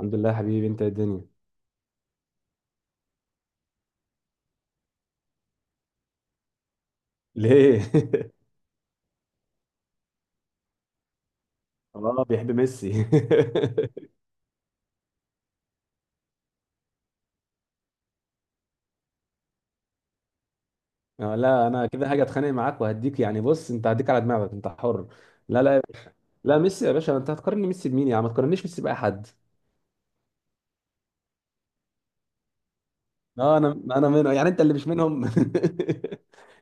الحمد لله يا حبيبي، انت إيه الدنيا؟ ليه؟ اه بيحب ميسي. لا، انا كده هاجي اتخانق معاك وهديك، يعني بص، انت هديك على دماغك، انت حر. لا لا لا، ميسي يا باشا، انت هتقارني ميسي بمين يا عم؟ ما تقارنيش ميسي باي حد. اه، انا منه، يعني انت اللي مش منهم.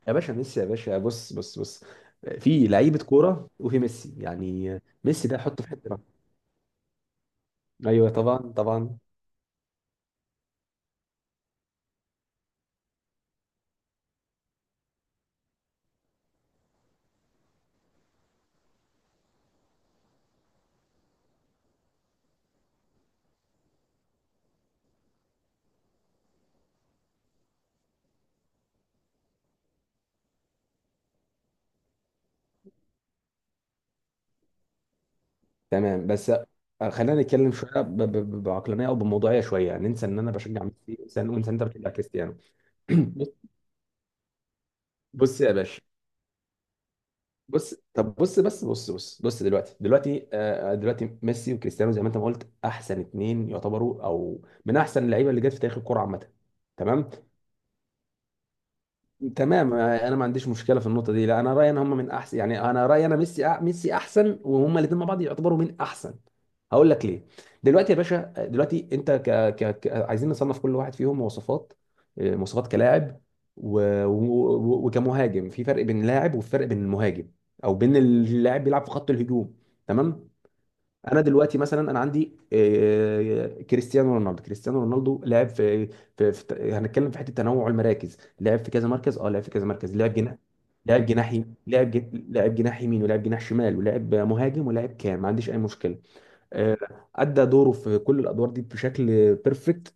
يا باشا ميسي يا باشا، بص بص بص، في لعيبه كوره وفي ميسي، يعني ميسي ده حطه في حته. ايوه طبعا طبعا. تمام، بس خلينا نتكلم شويه بعقلانيه او بموضوعيه شويه، ننسى ان انا بشجع ميسي، وننسى إن انت بتشجع كريستيانو. بص، بص يا باشا، بص، طب بص بس بص بص بص، دلوقتي، دلوقتي ميسي وكريستيانو زي ما انت ما قلت احسن اتنين يعتبروا، او من احسن اللعيبه اللي جت في تاريخ الكوره عامه. تمام تمام، انا ما عنديش مشكله في النقطه دي، لا انا رايي ان هم من احسن، يعني انا رايي، انا ميسي ميسي احسن، وهم الاثنين مع بعض يعتبروا من احسن. هقول لك ليه. دلوقتي يا باشا، آه، دلوقتي انت ك... ك... ك... عايزين نصنف كل واحد فيهم مواصفات، مواصفات كلاعب و... و... وكمهاجم، في فرق بين لاعب وفرق بين المهاجم، او بين اللاعب بيلعب في خط الهجوم. تمام. انا دلوقتي مثلا، انا عندي كريستيانو رونالدو، كريستيانو رونالدو لعب في، هنتكلم في حته تنوع المراكز، لعب في كذا مركز، لعب في كذا مركز، لعب جناح، لعب جناحي، لعب لعب جناح يمين ولعب جناح شمال ولعب مهاجم ولعب كام، ما عنديش اي مشكله. آه، ادى دوره في كل الادوار دي بشكل بيرفكت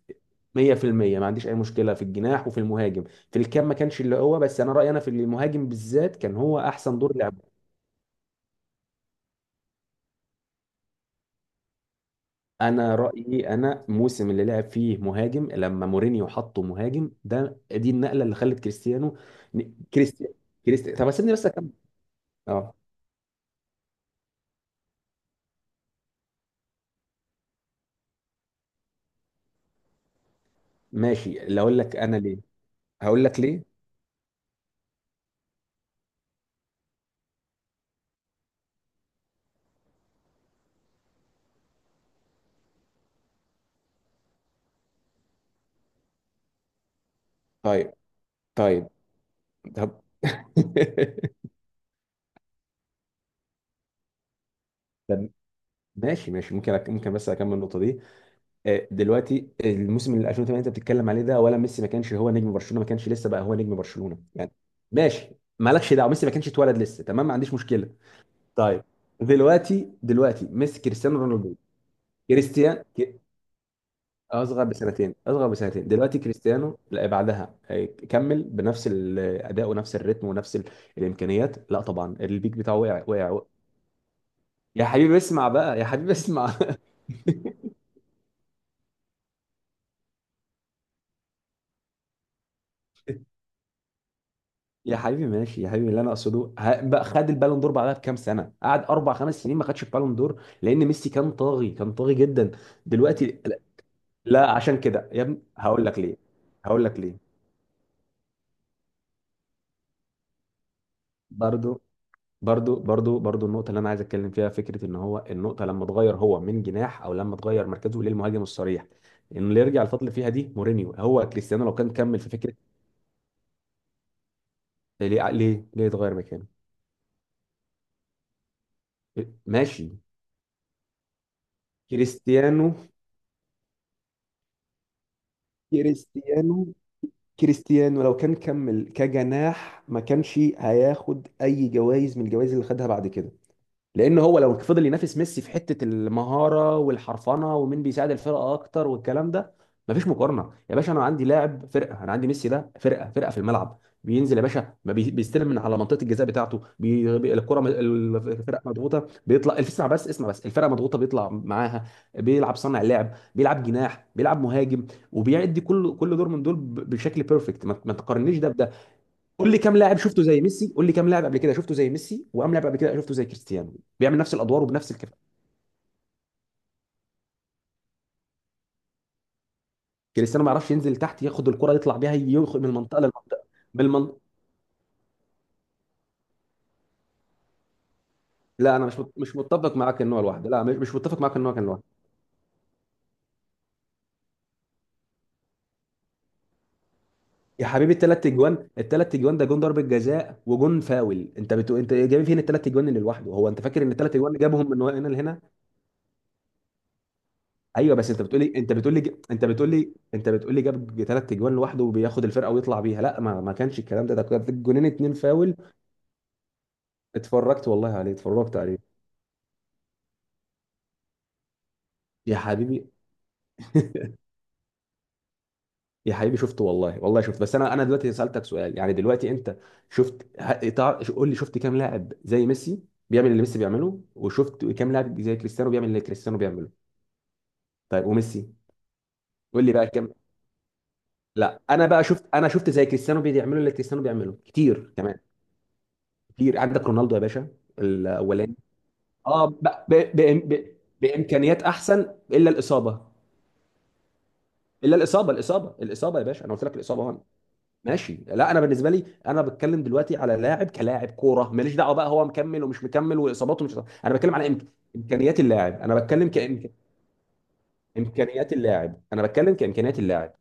100%. ما عنديش اي مشكله في الجناح وفي المهاجم، في الكام ما كانش اللي هو، بس انا رايي، انا في المهاجم بالذات كان هو احسن دور لعبه. انا رايي، انا الموسم اللي لعب فيه مهاجم لما مورينيو حطه مهاجم، ده دي النقله اللي خلت كريستيانو، كريستيانو كريستيانو. طب سيبني بس اكمل. اه ماشي، اللي اقول لك انا ليه، هقول لك ليه. طيب طيب طب طب ماشي ماشي، ممكن بس اكمل النقطه دي. دلوقتي الموسم اللي 2008 انت بتتكلم عليه ده، ولا ميسي ما كانش هو نجم برشلونه، ما كانش لسه بقى هو نجم برشلونه يعني؟ ماشي، مالكش دعوه، ميسي ما كانش اتولد لسه، تمام، ما عنديش مشكله. طيب، دلوقتي ميسي كريستيانو رونالدو، كريستيان ك- اصغر بسنتين، اصغر بسنتين. دلوقتي كريستيانو لا بعدها، كمل بنفس الاداء ونفس الريتم ونفس الامكانيات، لا طبعا البيك بتاعه وقع وقع. يا حبيبي اسمع بقى، يا حبيبي اسمع. يا حبيبي ماشي، يا حبيبي اللي انا اقصده بقى، خد البالون دور بعدها بكام سنه، قعد اربع خمس سنين ما خدش البالون دور لان ميسي كان طاغي، كان طاغي جدا. دلوقتي لا، عشان كده يا ابني هقول لك ليه، هقول لك ليه. برضه برضو برضو برضو النقطة اللي أنا عايز أتكلم فيها، فكرة إن هو النقطة لما اتغير هو من جناح، أو لما اتغير مركزه للمهاجم الصريح، إنه اللي يرجع الفضل فيها دي مورينيو، هو كريستيانو لو كان كمل في فكرة. ليه ليه ليه اتغير مكانه؟ ماشي. كريستيانو كريستيانو كريستيانو لو كان كمل كجناح ما كانش هياخد أي جوائز من الجوائز اللي خدها بعد كده، لان هو لو فضل ينافس ميسي في حته المهاره والحرفنه ومين بيساعد الفرقه اكتر والكلام ده، مفيش مقارنه يا باشا. انا عندي لاعب فرقه، انا عندي ميسي، ده فرقه، فرقه في الملعب. بينزل يا باشا، ما بي- بيستلم من على منطقه الجزاء بتاعته، الكره، الفرقه مضغوطه بيطلع، اسمع بس اسمع بس، الفرقه مضغوطه بيطلع معاها، بيلعب صانع لعب، بيلعب جناح، بيلعب مهاجم، وبيأدي كل دور من دول بشكل بيرفكت، ما تقارنيش ده. قول لي كام لاعب شفته زي ميسي، قول لي كام لاعب قبل كده شفته زي ميسي، وكام لاعب قبل كده شفته زي كريستيانو بيعمل نفس الادوار وبنفس الكفاءه؟ كريستيانو ما يعرفش ينزل تحت ياخد الكره يطلع بيها من المنطقه للمنطقه، من المنطقة. لا انا مش متفق معاك ان هو لوحده، لا مش متفق معاك ان هو كان لوحده. يا حبيبي الثلاث اجوان، الثلاث اجوان ده جون ضربه جزاء وجون فاول، انت بتقول، انت جايب فين الثلاث اجوان اللي لوحده هو؟ انت فاكر ان الثلاث اجوان اللي جابهم من هنا لهنا؟ ايوه بس انت بتقولي جاب ثلاث اجوان لوحده وبياخد الفرقه ويطلع بيها؟ لا ما كانش الكلام ده، ده كان جونين، اتنين فاول. اتفرجت والله عليه، اتفرجت عليه. يا حبيبي يا حبيبي شفته والله، والله شفت، بس انا دلوقتي سألتك سؤال يعني، دلوقتي انت شفت، قول لي شفت كام لاعب زي ميسي بيعمل اللي ميسي بيعمله، وشفت كام لاعب زي كريستيانو بيعمل اللي كريستيانو بيعمله؟ طيب وميسي؟ قول لي بقى كام. لا انا بقى شفت، انا شفت زي كريستيانو بيعمله، اللي كريستيانو بيعمله كتير كمان. كتير، عندك رونالدو يا باشا، الاولاني، اه ب... ب... ب... بامكانيات احسن. الا الاصابه، الا الاصابه، الاصابه الاصابه يا باشا، انا قلت لك الاصابه اهو. ماشي، لا انا بالنسبه لي، انا بتكلم دلوقتي على لاعب كلاعب كوره، ماليش دعوه بقى هو مكمل ومش مكمل، واصاباته مش إصاباته، انا بتكلم على امكانيات اللاعب، انا بتكلم امكانيات اللاعب، انا بتكلم كامكانيات اللاعب.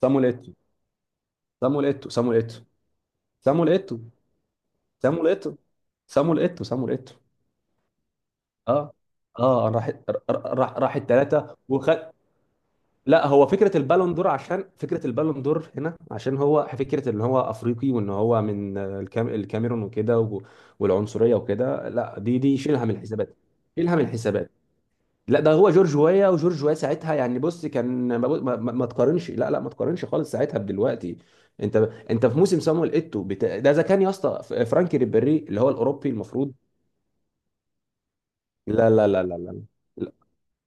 صامويل ايتو، صامويل ايتو، صامويل ايتو، صامويل ايتو، صامويل ايتو، صامويل ايتو، صامويل ايتو. اه اه، راح راح الثلاثه لا، هو فكره البالون دور، عشان فكره البالون دور هنا، عشان هو فكره ان هو افريقي وان هو من الكاميرون وكده والعنصريه وكده، لا، دي شيلها من الحسابات، شيلها من الحسابات. لا، ده هو جورج ويا، وجورج ويا ساعتها يعني، بص كان ما تقارنش، لا لا، ما تقارنش خالص ساعتها بدلوقتي. انت انت في موسم صامويل ايتو ده اذا كان يا اسطى فرانكي ريبيري اللي هو الاوروبي المفروض. لا لا لا لا لا،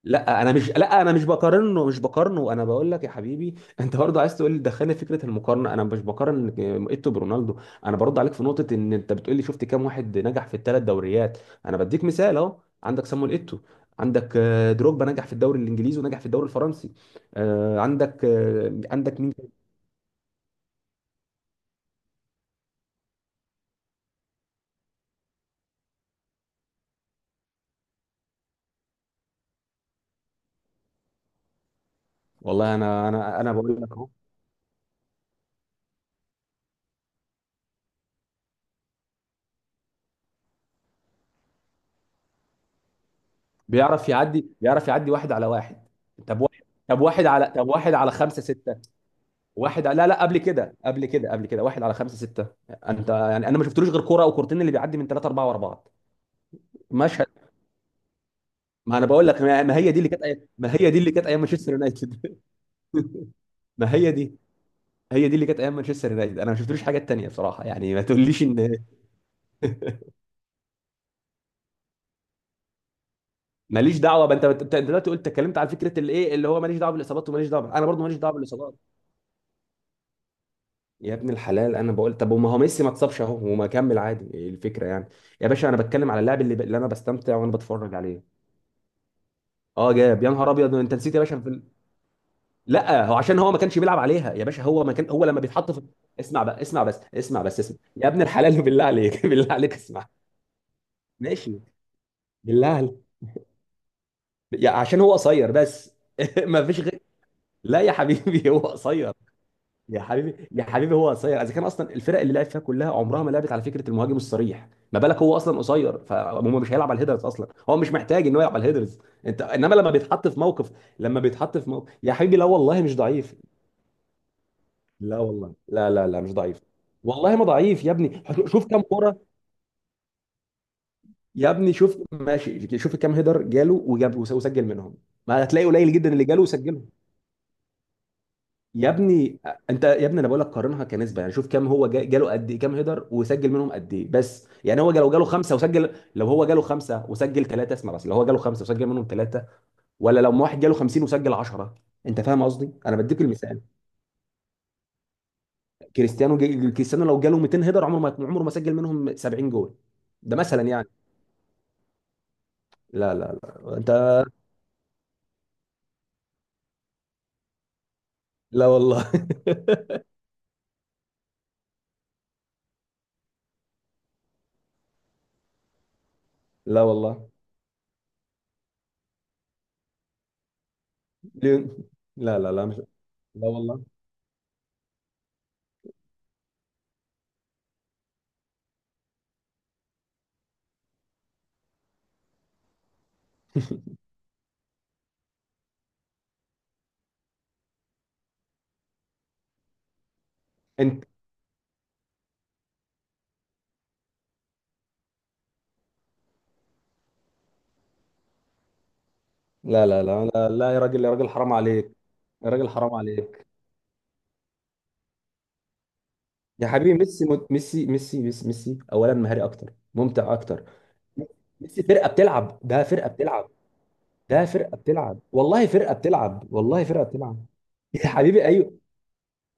لا انا مش، لا انا مش بقارنه مش بقارنه، انا بقول لك يا حبيبي، انت برضه عايز تقول لي، دخلني فكره المقارنه، انا مش بقارن ايتو برونالدو. انا برد عليك في نقطه ان انت بتقول لي شفت كام واحد نجح في الثلاث دوريات، انا بديك مثال اهو، عندك سامويل ايتو، عندك دروجبا نجح في الدوري الانجليزي ونجح في الدوري الفرنسي، عندك مين؟ والله انا، انا بقول لك اهو، بيعرف يعدي، بيعرف يعدي واحد على واحد. طب واحد طب واحد على خمسه سته، واحد، لا لا قبل كده، قبل كده واحد على خمسة ستة. انت يعني انا ما شفتلوش غير كرة او كورتين اللي بيعدي من ثلاثة أربعة ورا بعض، مشهد. ما انا بقول لك، ما هي دي اللي كانت ما هي دي اللي كانت ايام مانشستر يونايتد. ما هي دي هي دي اللي كانت ايام مانشستر يونايتد، انا ما شفتلوش حاجات تانية بصراحة يعني، ما تقوليش ان، ماليش دعوة بقى. انت أنت دلوقتي قلت، اتكلمت على فكرة الايه اللي هو ماليش دعوة بالاصابات وماليش دعوة، انا برضو ماليش دعوة بالاصابات. يا ابن الحلال، انا بقول طب، وما هو ميسي ما اتصابش اهو وما كمل عادي، إيه الفكرة يعني؟ يا باشا انا بتكلم على اللاعب اللي، اللي انا بستمتع وانا بتفرج عليه. اه جاب، يا نهار ابيض، انت نسيت يا باشا في لا، هو عشان هو ما كانش بيلعب عليها يا باشا، هو ما كان هو لما بيتحط في، اسمع بقى، اسمع بس اسمع بس اسمع يا ابن الحلال، بالله عليك، بالله عليك اسمع. ماشي، بالله عليك، يا عشان هو قصير بس. ما فيش غير. لا يا حبيبي، هو قصير، يا حبيبي يا حبيبي هو قصير، اذا كان اصلا الفرق اللي لعب فيها كلها عمرها ما لعبت على فكره المهاجم الصريح، ما بالك هو اصلا قصير، فهو مش هيلعب على الهيدرز اصلا، هو مش محتاج ان هو يلعب على الهيدرز. انت انما لما بيتحط في موقف، لما بيتحط في موقف يا حبيبي، لا والله مش ضعيف، لا والله، لا لا لا مش ضعيف، والله ما ضعيف يا ابني، شوف كام كرة. يا ابني شوف ماشي، شوف كام هيدر جاله، وجاب وسجل منهم، ما هتلاقي قليل جدا اللي جاله وسجلهم. يا ابني، انت يا ابني، انا بقول لك قارنها كنسبة يعني، شوف كام هو جاله قد ايه، كام هيدر وسجل منهم قد ايه، بس يعني هو لو جاله خمسة وسجل، لو هو جاله خمسة وسجل ثلاثة، اسمع بس، لو هو جاله خمسة وسجل منهم ثلاثة، ولا لو واحد جاله 50 وسجل 10، انت فاهم قصدي؟ انا بديك المثال، كريستيانو لو جاله 200 هيدر، عمره ما سجل منهم 70 جول، ده مثلا يعني. لا لا لا انت، لا والله، لا والله، ليه؟ لا لا لا مش، لا والله، انت، لا لا لا لا، لا يا راجل، يا راجل حرام عليك، يا راجل حرام عليك، يا حبيبي ميسي، ميسي, ميسي. اولا مهاري اكتر ممتع اكتر. ميسي فرقه بتلعب، ده فرقه بتلعب، ده فرقه بتلعب والله، فرقه بتلعب والله، فرقه بتلعب يا حبيبي. ايوه،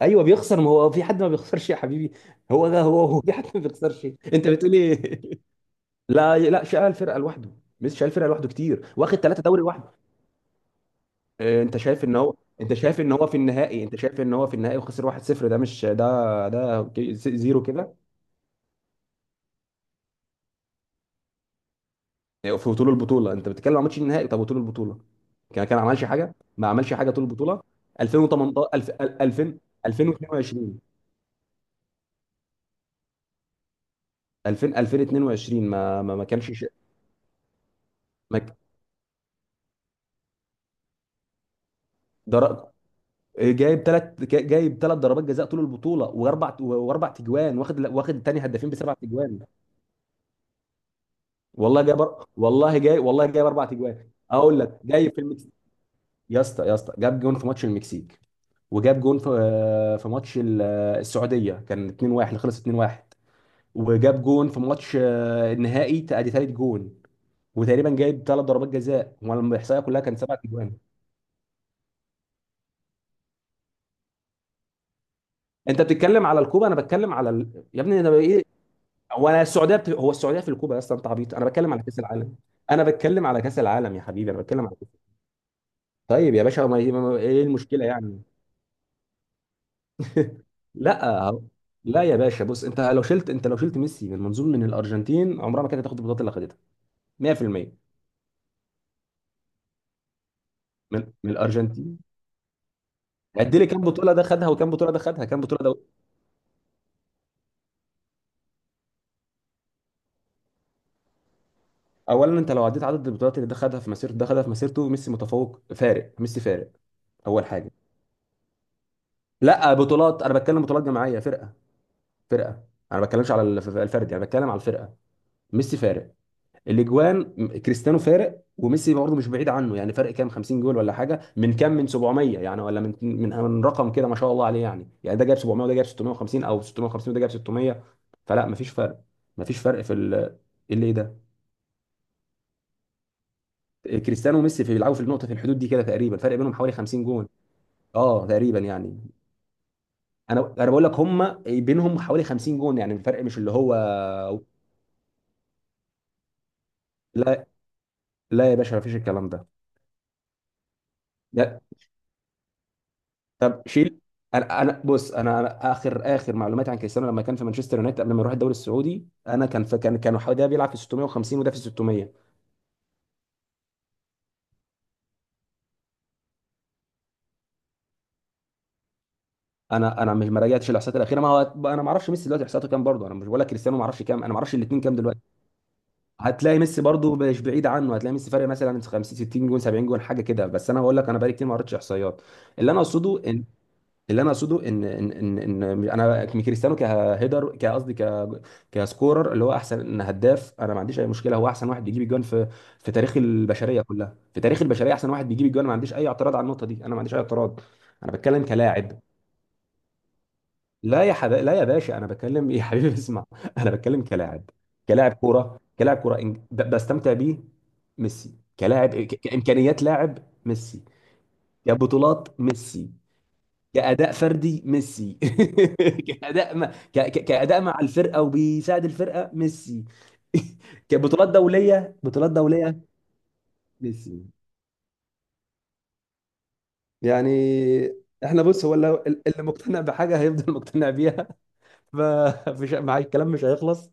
ايوه بيخسر، ما هو في حد ما بيخسرش يا حبيبي. هو ده، هو في حد ما بيخسرش. انت بتقول ايه؟ لا لا، شال الفرقه لوحده. ميسي شال الفرقه لوحده كتير، واخد 3 دوري لوحده. انت شايف ان هو، انت شايف ان هو في النهائي، انت شايف ان هو في النهائي وخسر 1-0. ده مش ده زيرو كده. في طول البطوله انت بتتكلم عن ماتش النهائي؟ طب وطول البطوله كان عملش حاجه، ما عملش حاجه طول البطوله. 2018 2000 2022 2000 2022 ما ما ك- در... جايب ثلاث، جايب 3 ضربات جزاء طول البطوله، واربع تجوان، واخد تاني هدافين بسبع تجوان. والله والله والله جايب 4 اجوان اقول لك، جاي في المكسيك. يا اسطى، يا اسطى جاب جون في ماتش المكسيك، وجاب جون في في ماتش السعوديه، كان 2-1 اللي خلص 2-1، وجاب جون في ماتش النهائي ادي ثالث جون. وتقريبا جايب 3 ضربات جزاء، وانا الاحصائيه كلها كان 7 اجوان. انت بتتكلم على الكوبا، انا بتكلم على يا ابني انا ايه. هو انا السعوديه هو السعوديه في الكوبا يا اسطى؟ انت عبيط، انا بتكلم على كاس العالم. انا بتكلم على كاس العالم يا حبيبي، انا بتكلم على كاس. طيب يا باشا ايه المشكله يعني؟ لا هو- لا يا باشا، بص، انت لو شلت انت لو شلت ميسي من منظور، من الارجنتين عمرها ما كانت هتاخد البطولات اللي خدتها. 100%. من الارجنتين قد لي كام بطوله ده خدها، وكام بطوله ده خدها، كام بطوله ده؟ اولا انت لو عديت عدد البطولات، اللي ده خدها في مسيرته، ده خدها في مسيرته، ميسي متفوق، فارق، ميسي فارق. اول حاجه، لا بطولات، انا بتكلم بطولات جماعيه فرقه، فرقه، انا ما بتكلمش على الفرد يعني، بتكلم على الفرقه. ميسي فارق. كريستيانو فارق، وميسي برضه مش بعيد عنه يعني، فرق كام 50 جول ولا حاجه، من كام، من 700 يعني، ولا من من رقم كده ما شاء الله عليه يعني ده جايب 700 وده جايب 650 او 650 وده جايب 600. فلا مفيش فرق، مفيش فرق في ال، إيه اللي إيه ده. كريستيانو وميسي في بيلعبوا في النقطه، في الحدود دي كده تقريبا، فرق بينهم حوالي 50 جون. اه تقريبا يعني. انا بقول لك هم بينهم حوالي 50 جون يعني، الفرق مش اللي هو. لا، لا يا باشا، مفيش الكلام ده. طب شيل. انا بص، انا اخر معلوماتي عن كريستيانو لما كان في مانشستر يونايتد قبل ما يروح الدوري السعودي، انا كان في، كانوا حوالي ده بيلعب في 650 وده في 600. انا مش، ما راجعتش الاحصائيات الاخيره ما هو. انا ما اعرفش ميسي دلوقتي احصائياته كام برضه، انا مش بقول لك، كريستيانو ما اعرفش كام، انا ما اعرفش الاثنين كام دلوقتي. هتلاقي ميسي برضه مش بعيد عنه، هتلاقي ميسي فارق مثلا 50 60 جون 70 جون حاجه كده. بس انا بقول لك، انا بقالي كتير ما قريتش احصائيات. اللي انا اقصده، اللي انا اقصده ان انا كريستيانو كهيدر كقصدي ك كسكورر، اللي هو احسن هداف انا ما عنديش اي مشكله، هو احسن واحد بيجيب الجوان في، في تاريخ البشريه كلها، في تاريخ البشريه احسن واحد بيجيب الجوان، ما عنديش اي اعتراض على النقطه دي، انا ما عنديش اي اعتراض. انا بتكلم كلاعب. لا يا باشا، انا بتكلم إيه، يا حبيبي اسمع انا بتكلم كلاعب، كلاعب كوره كلاعب كوره بستمتع بيه. ميسي كلاعب كامكانيات لاعب ميسي. كبطولات ميسي. كأداء فردي ميسي. كأداء ما ك... ك- كأداء مع الفرقة وبيساعد الفرقة ميسي. كبطولات دولية، بطولات دولية ميسي يعني. احنا بص، هو اللي مقتنع بحاجة هيفضل مقتنع بيها. فمش مع الكلام مش هيخلص.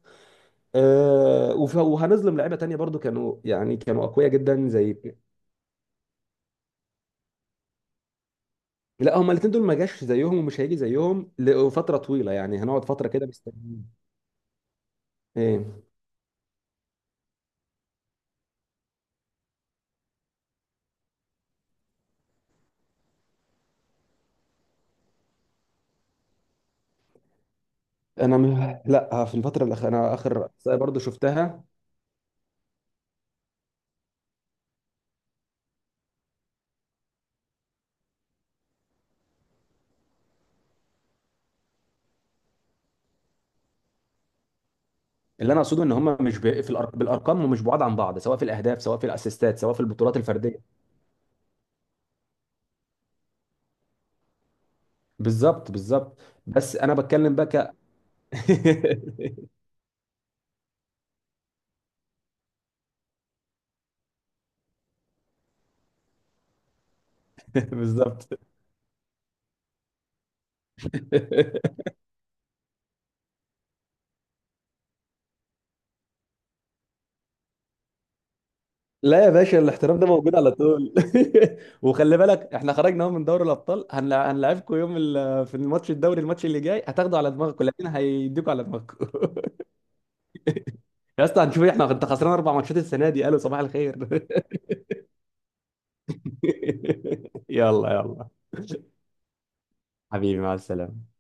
وهنظلم لعيبة تانية برضو، كانوا يعني كانوا أقوياء جدا زي. لا هما الاتنين دول ما جاش زيهم ومش هيجي زيهم لفترة طويلة يعني، هنقعد فترة كده مستنيين. ايه؟ لا، في الفتره الاخيره انا اخر احصائيه برضو شفتها. اللي انا اقصده ان هم مش في بالارقام، ومش بعاد عن بعض، سواء في الاهداف سواء في الاسيستات سواء في البطولات الفرديه. بالظبط بالظبط. بس انا بتكلم بقى بالظبط. لا يا باشا، الاحترام ده موجود على طول. وخلي بالك احنا خرجنا اهو من دوري الابطال، هنلعبكم يوم في الماتش الدوري، الماتش اللي جاي هتاخدوا على دماغكم، لكن هيديكوا على دماغكم. يا اسطى هنشوف، احنا انت خسران 4 ماتشات السنه دي قالوا صباح الخير. يلا يلا. حبيبي، مع السلامة.